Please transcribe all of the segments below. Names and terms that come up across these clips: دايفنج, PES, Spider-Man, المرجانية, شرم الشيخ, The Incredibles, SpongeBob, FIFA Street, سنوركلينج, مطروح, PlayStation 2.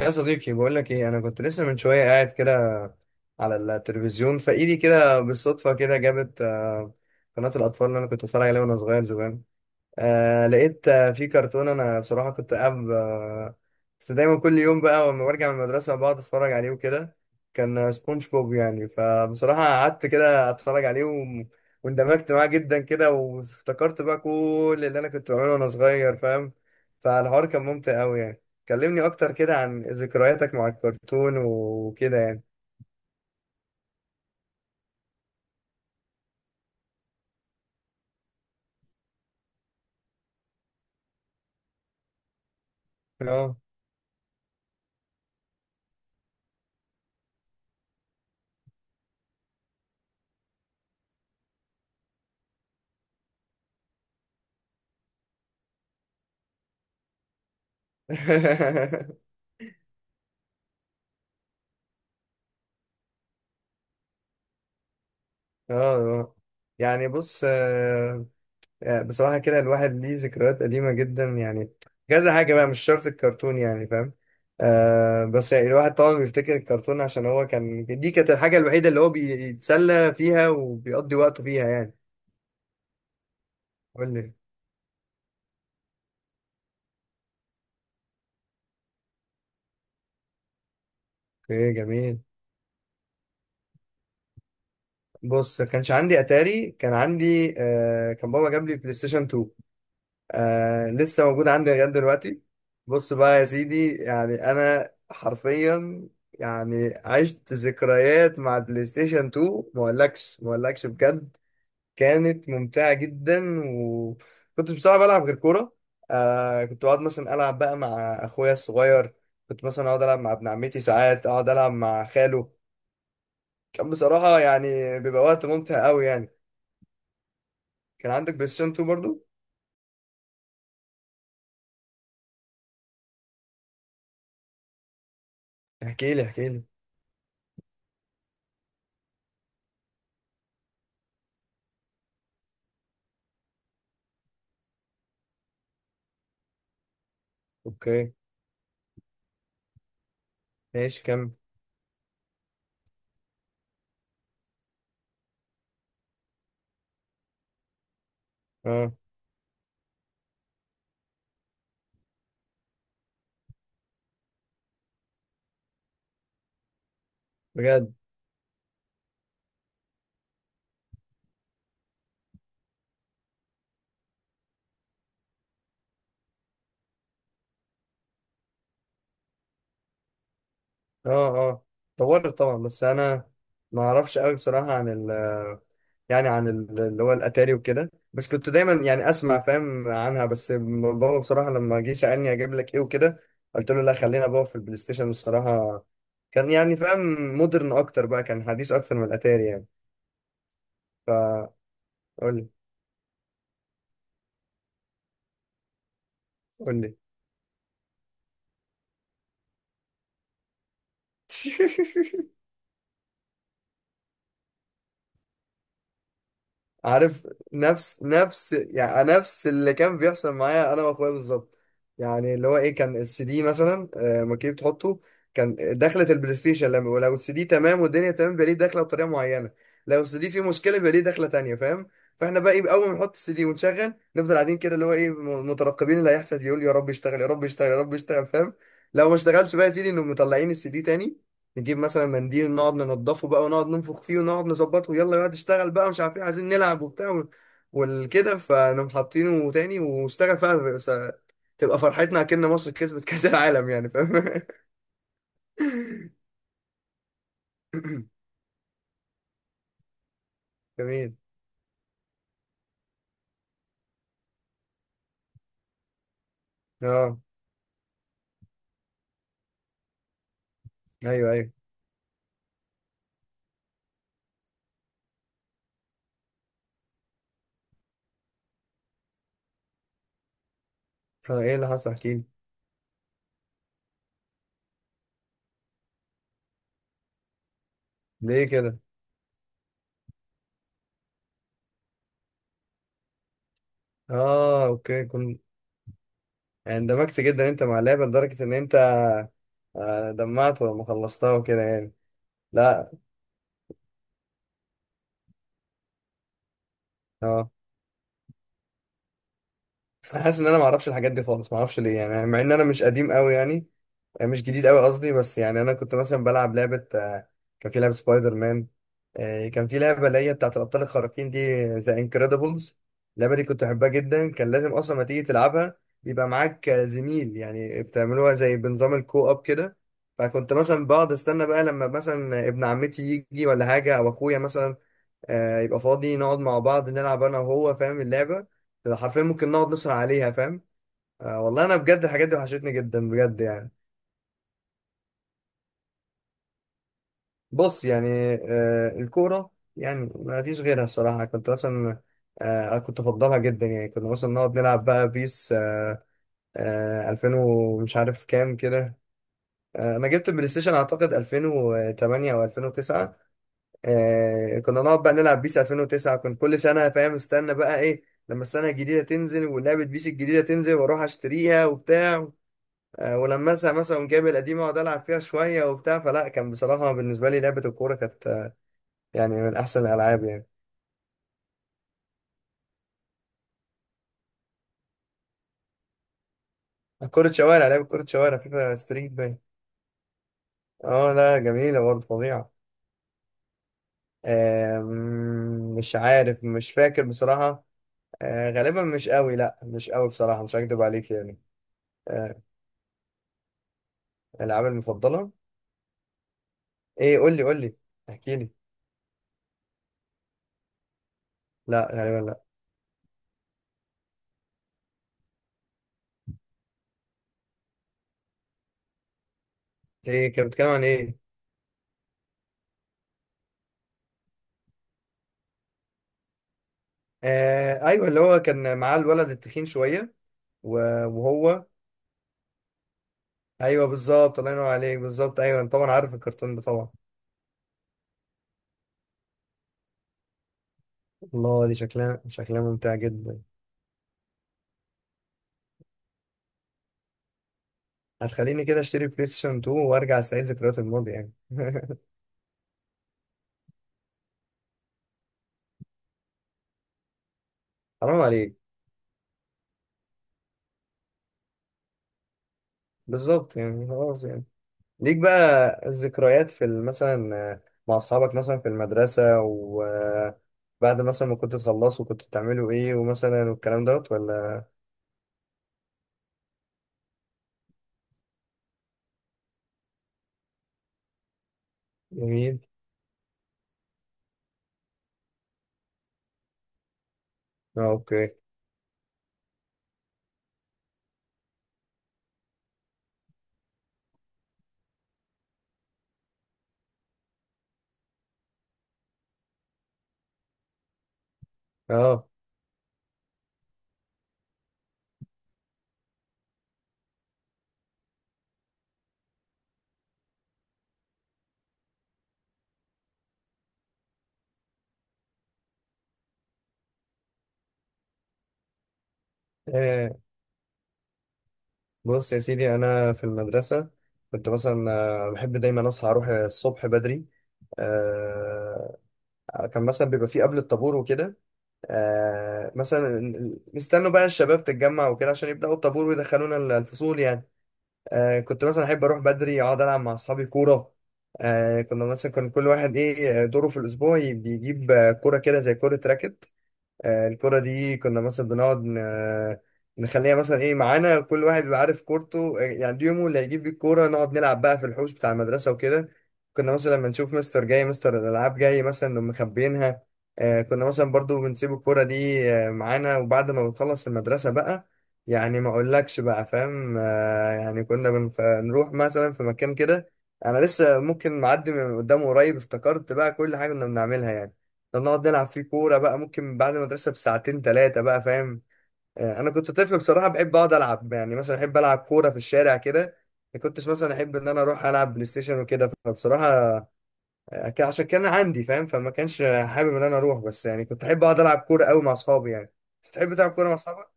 يا صديقي بقول لك ايه، انا كنت لسه من شويه قاعد كده على التلفزيون فايدي كده، بالصدفه كده جابت قناه الاطفال اللي انا كنت اتفرج عليها وانا صغير زمان. لقيت في كرتون انا بصراحه كنت قاعد كنت دايما كل يوم بقى لما برجع من المدرسه بقعد اتفرج عليه وكده. كان سبونج بوب يعني، فبصراحه قعدت كده اتفرج عليه واندمجت معاه جدا كده، وافتكرت بقى كل اللي انا كنت بعمله وانا صغير، فاهم؟ فالحوار كان ممتع قوي يعني. كلمني اكتر كده عن ذكرياتك مع الكرتون وكده يعني. اه. اه آه. يعني بص، يعني بصراحة كده الواحد ليه ذكريات قديمة جدا يعني، كذا حاجة بقى، مش شرط الكرتون، يعني فاهم؟ بس يعني الواحد طبعا بيفتكر الكرتون عشان هو كان، دي كانت الحاجة الوحيدة اللي هو بيتسلى فيها وبيقضي وقته فيها يعني. قول لي. ايه جميل. بص، ما كانش عندي اتاري، كان عندي كان بابا جاب لي بلاي ستيشن 2. لسه موجود عندي لغايه دلوقتي. بص بقى يا سيدي، يعني انا حرفيا يعني عشت ذكريات مع البلاي ستيشن 2، ما اقولكش ما اقولكش بجد، كانت ممتعه جدا. وكنت بصراحه بلعب غير كوره. كنت بقعد مثلا العب بقى مع اخويا الصغير، كنت مثلا اقعد العب مع ابن عمتي، ساعات اقعد العب مع خاله. كان بصراحه يعني بيبقى وقت ممتع قوي يعني. كان عندك بلاي ستيشن 2 برضو؟ احكي لي احكي لي. اوكي ماشي كمل. اه بجد. اه اه. طورت طبعا، بس انا ما اعرفش قوي بصراحه عن ال، يعني اللي هو الاتاري وكده، بس كنت دايما يعني اسمع فاهم عنها، بس بابا بصراحه لما جه سالني اجيب لك ايه وكده، قلت له لا خلينا بابا في البلاي ستيشن الصراحه. كان يعني فاهم، مودرن اكتر بقى، كان حديث اكتر من الاتاري يعني. فقول لي. قول لي. عارف، نفس نفس، يعني نفس اللي كان بيحصل معايا انا واخويا بالظبط. يعني اللي هو ايه، كان السي دي مثلا لما كنت بتحطه، كان دخلة البلاي ستيشن لما، ولو السي دي تمام والدنيا تمام، بيبقى ليه دخلة بطريقة معينة، لو السي دي فيه مشكلة بيبقى ليه دخلة تانية فاهم. فاحنا بقى ايه، اول ما نحط السي دي ونشغل، نفضل قاعدين كده اللي هو ايه، مترقبين اللي هيحصل، يقول يا رب يشتغل يا رب يشتغل يا رب يشتغل فاهم. لو ما اشتغلش بقى يا سيدي، انهم مطلعين السي دي تاني، نجيب مثلا منديل نقعد ننضفه بقى ونقعد ننفخ فيه ونقعد نظبطه، يلا يقعد اشتغل بقى مش عارف ايه، عايزين نلعب وبتاع والكده. فنقوم حاطينه تاني واشتغل فيها، تبقى فرحتنا اكن مصر كسبت كأس العالم يعني فاهم. جميل. اه ايوه ايوه. اه. ايه اللي حصل احكي لي. ليه كده؟ اه اوكي. كنت اندمجت جدا انت مع اللعبه لدرجه ان انت دمعت ولما خلصتها وكده يعني. لا اه. انا حاسس ان انا ما اعرفش الحاجات دي خالص، ما اعرفش ليه يعني، مع ان انا مش قديم قوي يعني. مش جديد قوي قصدي، بس يعني انا كنت مثلا بلعب لعبه، كان في لعبه سبايدر مان. كان في لعبه اللي هي بتاعت الابطال الخارقين دي، ذا انكريدبلز. اللعبه دي كنت بحبها جدا، كان لازم اصلا ما تيجي تلعبها يبقى معاك زميل، يعني بتعملوها زي بنظام الكو اب كده. فكنت مثلا بقعد استنى بقى، لما مثلا ابن عمتي يجي ولا حاجه، او اخويا مثلا يبقى فاضي، نقعد مع بعض نلعب انا وهو فاهم. اللعبة تبقى حرفيا ممكن نقعد نسهر عليها فاهم. والله انا بجد الحاجات دي وحشتني جدا بجد يعني. بص يعني، الكورة، يعني ما فيش غيرها الصراحة. كنت مثلا كنت افضلها جدا يعني. كنا مثلا نقعد نلعب بقى بيس، 2000 ومش عارف كام كده. انا جبت البلاي ستيشن اعتقد 2008 او 2009. كنا نقعد بقى نلعب بيس 2009. كنت كل سنة فاهم استنى بقى ايه، لما السنة الجديدة تنزل ولعبة بيس الجديدة تنزل واروح اشتريها وبتاع. ولما مثلا جايب القديمة واقعد العب فيها شوية وبتاع، فلا كان بصراحة بالنسبة لي لعبة الكورة كانت يعني من احسن الالعاب يعني. كرة شوارع، لعبة كرة شوارع، فيفا ستريت باين. اه لا جميلة برضه، فظيعة. مش عارف مش فاكر بصراحة. غالبا مش قوي، لا مش قوي بصراحة، مش هكدب عليك يعني. آه الألعاب المفضلة. ايه قول لي قول لي. احكي لي. لا غالبا لا. ايه كان بيتكلم عن ايه؟ ايوه اللي هو كان معاه الولد التخين شويه و- وهو. ايوه بالظبط، الله ينور عليك بالظبط، ايوه أنا طبعا عارف الكرتون ده طبعا. الله، دي شكلها شكلها ممتع جدا. هتخليني كده اشتري بلاي ستيشن 2 وارجع استعيد ذكريات الماضي يعني. حرام عليك. بالظبط يعني خلاص يعني. ليك بقى الذكريات في مثلا، مع اصحابك مثلا في المدرسة، وبعد مثلا ما كنت تخلصوا كنت بتعملوا ايه، ومثلا والكلام دوت ولا. جميل. اه اوكي. اه. آه، بص يا سيدي، انا في المدرسة كنت مثلا بحب دايما اصحى اروح الصبح بدري. آه، كان مثلا بيبقى فيه قبل الطابور وكده. مثلا نستنوا بقى الشباب تتجمع وكده عشان يبدأوا الطابور ويدخلونا الفصول يعني. كنت مثلا احب اروح بدري اقعد العب مع اصحابي كوره. كنا مثلا كان كل واحد ايه، دوره في الاسبوع بيجيب كوره كده زي كوره راكت. الكرة دي كنا مثلا بنقعد نخليها مثلا ايه معانا، كل واحد بيبقى عارف كورته يعني دي يومه اللي هيجيب بيه الكورة، نقعد نلعب بقى في الحوش بتاع المدرسة وكده. كنا مثلا لما نشوف مستر جاي، مستر الألعاب جاي، مثلا نقوم مخبيينها. كنا مثلا برضو بنسيب الكورة دي معانا، وبعد ما بنخلص المدرسة بقى يعني ما اقولكش بقى فاهم. يعني كنا بنروح مثلا في مكان كده، انا لسه ممكن معدي من قدامه قريب، افتكرت بقى كل حاجة كنا بنعملها يعني. ده نقعد نلعب فيه كورة بقى ممكن بعد المدرسة بساعتين تلاتة بقى فاهم. أنا كنت طفل بصراحة بحب أقعد ألعب، يعني مثلا أحب ألعب كورة في الشارع كده. ما كنتش مثلا أحب إن أنا أروح ألعب بلاي ستيشن وكده فبصراحة. عشان كان عندي فاهم، فما كانش حابب إن أنا أروح، بس يعني كنت أحب أقعد ألعب كورة أوي مع أصحابي يعني. بتحب تلعب كورة مع أصحابك؟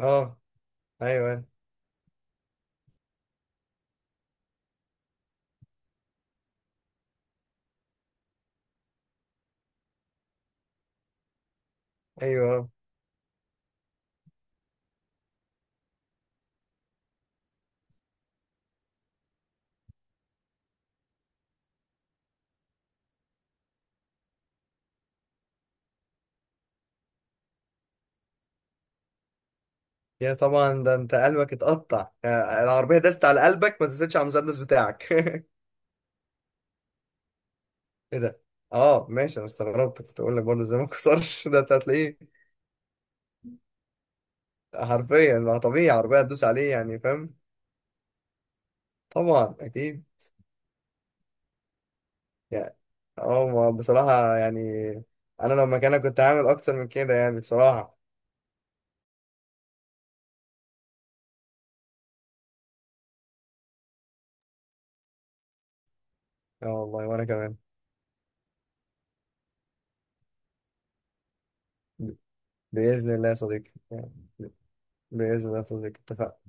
أه أيوه أيوه آه. يا طبعا، ده أنت قلبك اتقطع، العربية دست على قلبك ما تزيدش على المسدس بتاعك. ايه ده. اه ماشي، انا استغربت كنت اقول لك برضه زي ما كسرش، ده انت هتلاقيه حرفيا. ما طبيعي عربيه هتدوس عليه يعني فاهم. طبعا اكيد. يعني اه، ما بصراحه يعني انا لو مكانك كنت هعمل اكتر من كده يعني بصراحه. اه والله وانا كمان. ب- باذن الله يا صديقي يعني. ب- باذن الله يا صديقي اتفقنا.